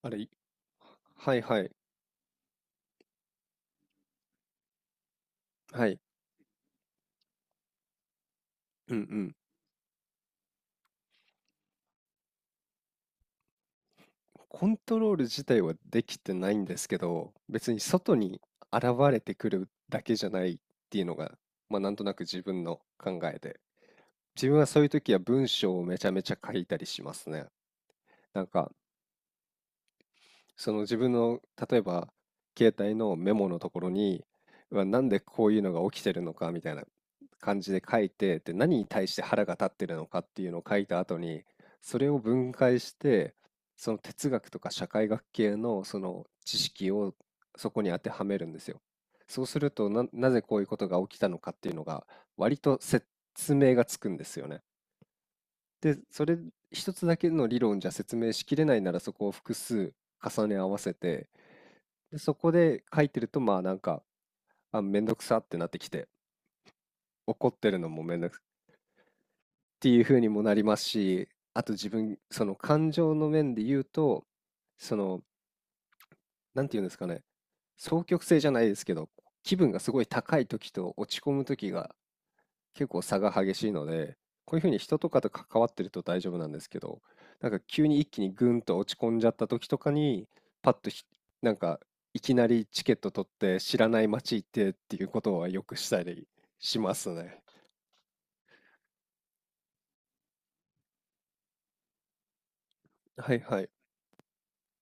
あれ、はいはい、はい、うんうん。コントロール自体はできてないんですけど、別に外に現れてくるだけじゃないっていうのが、まあなんとなく自分の考えで。自分はそういう時は文章をめちゃめちゃ書いたりしますね。なんかその自分の例えば携帯のメモのところにうわなんでこういうのが起きてるのかみたいな感じで書いて、で何に対して腹が立ってるのかっていうのを書いた後にそれを分解してその哲学とか社会学系のその知識をそこに当てはめるんですよ。そうするとなぜこういうことが起きたのかっていうのが割と説明がつくんですよね。で、それ一つだけの理論じゃ説明しきれないならそこを複数重ね合わせて、で、そこで書いてると、まあ、なんか、あ、めんどくさってなってきて、怒ってるのもめんどくさっていう風にもなりますし、あと自分、その感情の面で言うと、その、なんて言うんですかね、双極性じゃないですけど、気分がすごい高い時と落ち込む時が結構差が激しいので、こういうふうに人とかと関わってると大丈夫なんですけど、なんか急に一気にグンと落ち込んじゃった時とかに、パッとなんかいきなりチケット取って知らない街行ってっていうことはよくしたりしますね。はいはい。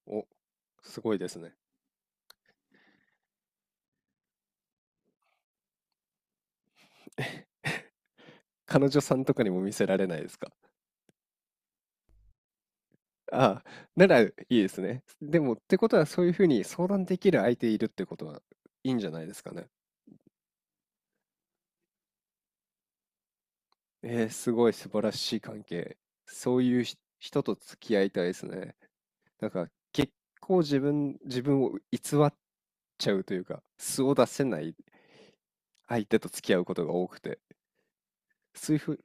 お、すごいですね。彼女さんとかにも見せられないですか？ああ、ならいいですね。でも、ってことはそういうふうに相談できる相手いるってことはいいんじゃないですかね。えー、すごい素晴らしい関係。そういう人と付き合いたいですね。なんか結構自分を偽っちゃうというか、素を出せない相手と付き合うことが多くて、そういうふう、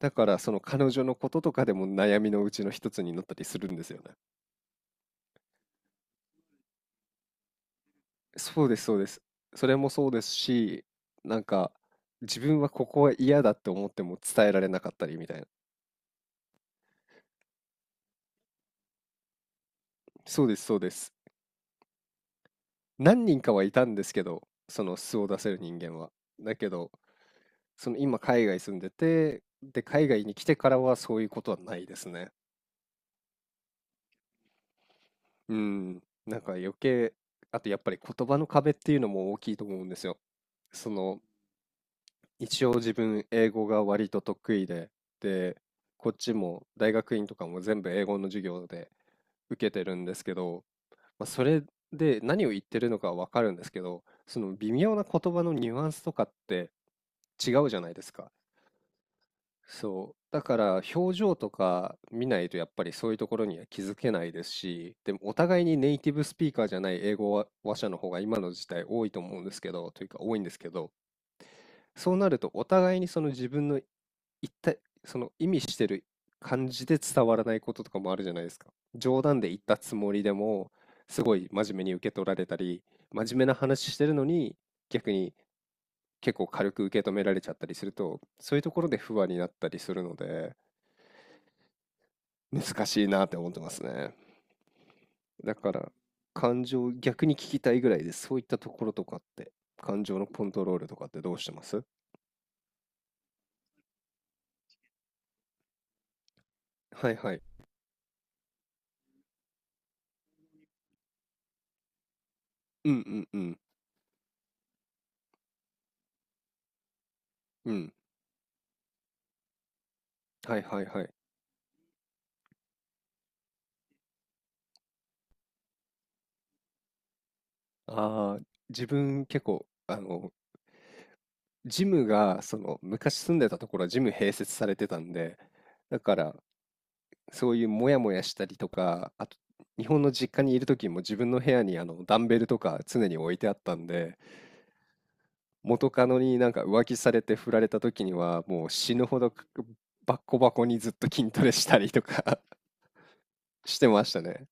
だからその彼女のこととかでも悩みのうちの一つになったりするんですよね。そうです、そうです。それもそうですし、なんか自分はここは嫌だって思っても伝えられなかったりみたいな。そうです、そうです。何人かはいたんですけど、その素を出せる人間は。だけど、その今海外住んでて、で、海外に来てからはそういうことはないですね。うん。なんか余計、あとやっぱり言葉の壁っていうのも大きいと思うんですよ。その、一応自分英語が割と得意で、で、こっちも大学院とかも全部英語の授業で受けてるんですけど、まあ、それで何を言ってるのかはわかるんですけど、その微妙な言葉のニュアンスとかって違うじゃないですか。そう。だから表情とか見ないとやっぱりそういうところには気づけないですし、でもお互いにネイティブスピーカーじゃない英語話者の方が今の時代多いと思うんですけど、というか多いんですけど、そうなるとお互いにその自分の一体、その意味してる感じで伝わらないこととかもあるじゃないですか。冗談で言ったつもりでも、すごい真面目に受け取られたり、真面目な話してるのに逆に結構軽く受け止められちゃったりすると、そういうところで不安になったりするので、難しいなって思ってますね。だから感情を逆に聞きたいぐらいでそういったところとかって、感情のコントロールとかってどうしてます？はいはい。うんうんうん。うん。はいはいはい。ああ、自分結構、ジムが、昔住んでたところはジム併設されてたんで、だから、そういうモヤモヤしたりとか、あと、日本の実家にいる時も自分の部屋にあのダンベルとか常に置いてあったんで、元カノになんか浮気されて振られた時にはもう死ぬほどバッコバコにずっと筋トレしたりとか してましたね。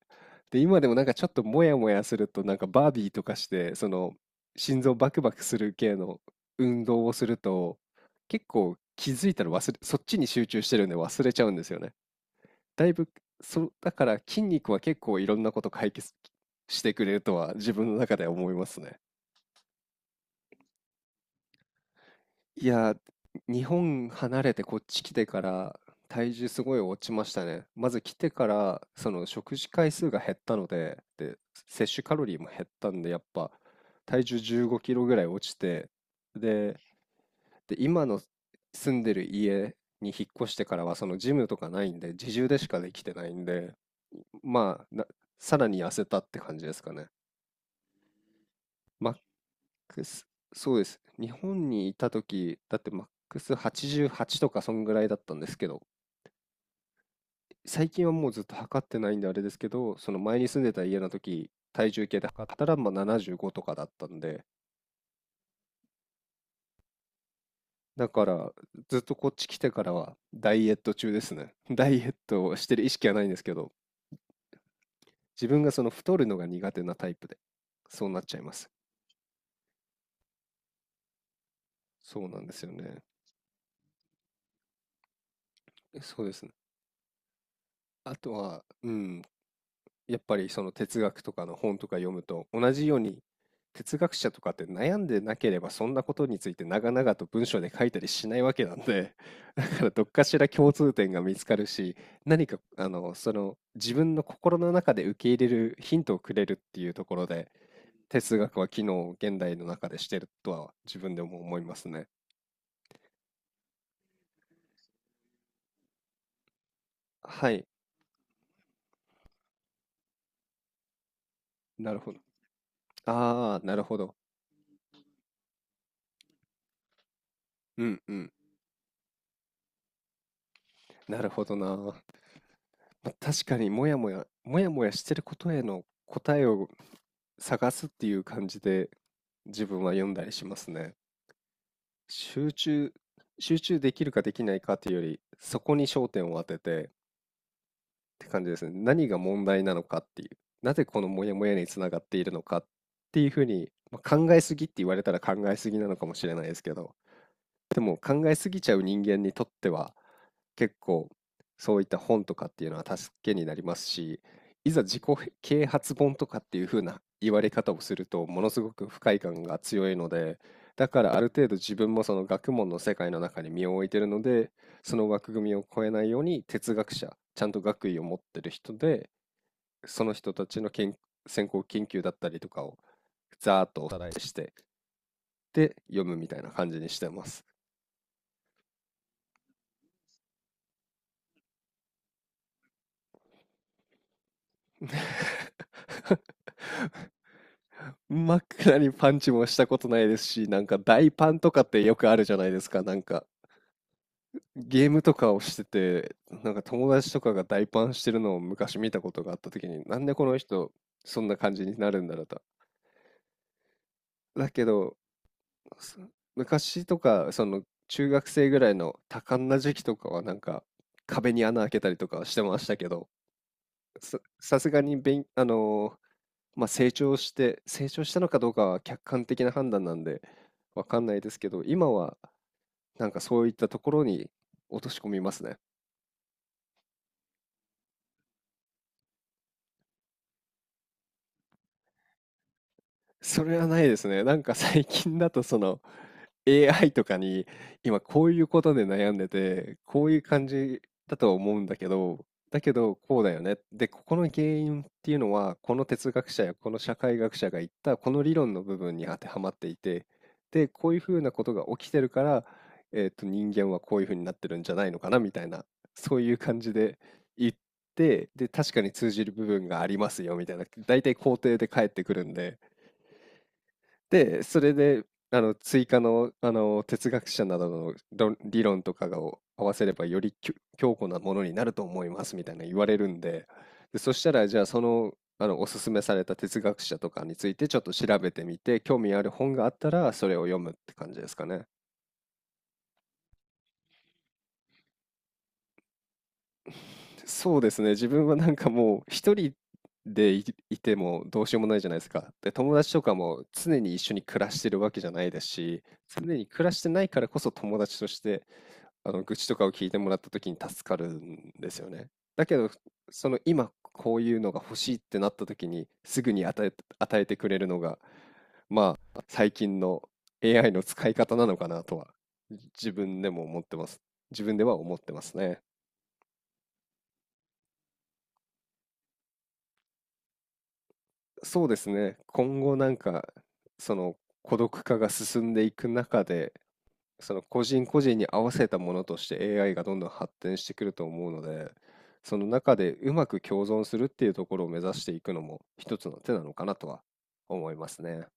で、今でもなんかちょっとモヤモヤするとなんかバービーとかしてその心臓バクバクする系の運動をすると結構気づいたらそっちに集中してるんで忘れちゃうんですよね。だいぶ、そ、だから筋肉は結構いろんなこと解決してくれるとは自分の中では思いますね。いや、日本離れてこっち来てから体重すごい落ちましたね。まず来てからその食事回数が減ったので、で、摂取カロリーも減ったんで、やっぱ体重15キロぐらい落ちて、で、で、今の住んでる家に引っ越してからはそのジムとかないんで、自重でしかできてないんで、まあ、さらに痩せたって感じですかね。マックス、そうです。日本にいた時、だってマックス88とかそんぐらいだったんですけど、最近はもうずっと測ってないんであれですけど、その前に住んでた家の時、体重計で測ったらまあ75とかだったんで、だからずっとこっち来てからはダイエット中ですね。ダイエットをしてる意識はないんですけど、自分がその太るのが苦手なタイプで、そうなっちゃいます。そうなんですよね。そうですね。あとは、うん、やっぱりその哲学とかの本とか読むと同じように哲学者とかって悩んでなければそんなことについて長々と文章で書いたりしないわけなんで、 だからどっかしら共通点が見つかるし、何かあのその自分の心の中で受け入れるヒントをくれるっていうところで哲学は機能を現代の中でしてるとは自分でも思いますね。はい、なるほど。ああ、なるほど。うんうん。なるほどな。ま、確かにもやもやもやもやしてることへの答えを探すっていう感じで、自分は読んだりしますね。集中集中できるかできないかっていうより、そこに焦点を当ててって感じですね。何が問題なのかっていう、なぜこのもやもやにつながっているのかっていうふうに、まあ、考えすぎって言われたら考えすぎなのかもしれないですけど、でも考えすぎちゃう人間にとっては結構そういった本とかっていうのは助けになりますし、いざ自己啓発本とかっていう風な言われ方をするとものすごく不快感が強いので、だからある程度自分もその学問の世界の中に身を置いてるので、その枠組みを超えないように哲学者、ちゃんと学位を持ってる人で、その人たちの先行研究だったりとかをざーっとおさらいして、で読むみたいな感じにしてます。真っ暗にパンチもしたことないですし、なんか大パンとかってよくあるじゃないですか。なんかゲームとかをしてて、なんか友達とかが大パンしてるのを昔見たことがあった時に、なんでこの人そんな感じになるんだろうと。だけど、そ昔とか、その中学生ぐらいの多感な時期とかはなんか壁に穴開けたりとかはしてましたけど、さすがに勉、あのーまあ、成長して成長したのかどうかは客観的な判断なんで、わかんないですけど、今はなんかそういったところに落とし込みますね。それはないですね。なんか最近だとその AI とかに今こういうことで悩んでて、こういう感じだと思うんだけど、だけどこうだよね。で、ここの原因っていうのは、この哲学者やこの社会学者が言ったこの理論の部分に当てはまっていて、で、こういうふうなことが起きてるから、人間はこういうふうになってるんじゃないのかなみたいな、そういう感じで言って、で、確かに通じる部分がありますよみたいな、大体肯定で返ってくるんで、で、それで、追加の、哲学者などの理論とかを合わせれば、より強固なものになると思いますみたいな言われるんで、で、そしたら、じゃあ、おすすめされた哲学者とかについてちょっと調べてみて、興味ある本があったら、それを読むって感じですかね。そうですね、自分はなんかもう、一人でいてもどうしようもないじゃないですか。で、友達とかも常に一緒に暮らしてるわけじゃないですし、常に暮らしてないからこそ友達として、愚痴とかを聞いてもらった時に助かるんですよね。だけど、その今こういうのが欲しいってなった時にすぐに与えてくれるのが、まあ、最近の AI の使い方なのかなとは、自分でも思ってます。自分では思ってますね。そうですね。今後なんか、その孤独化が進んでいく中で、その個人個人に合わせたものとして AI がどんどん発展してくると思うので、その中でうまく共存するっていうところを目指していくのも一つの手なのかなとは思いますね。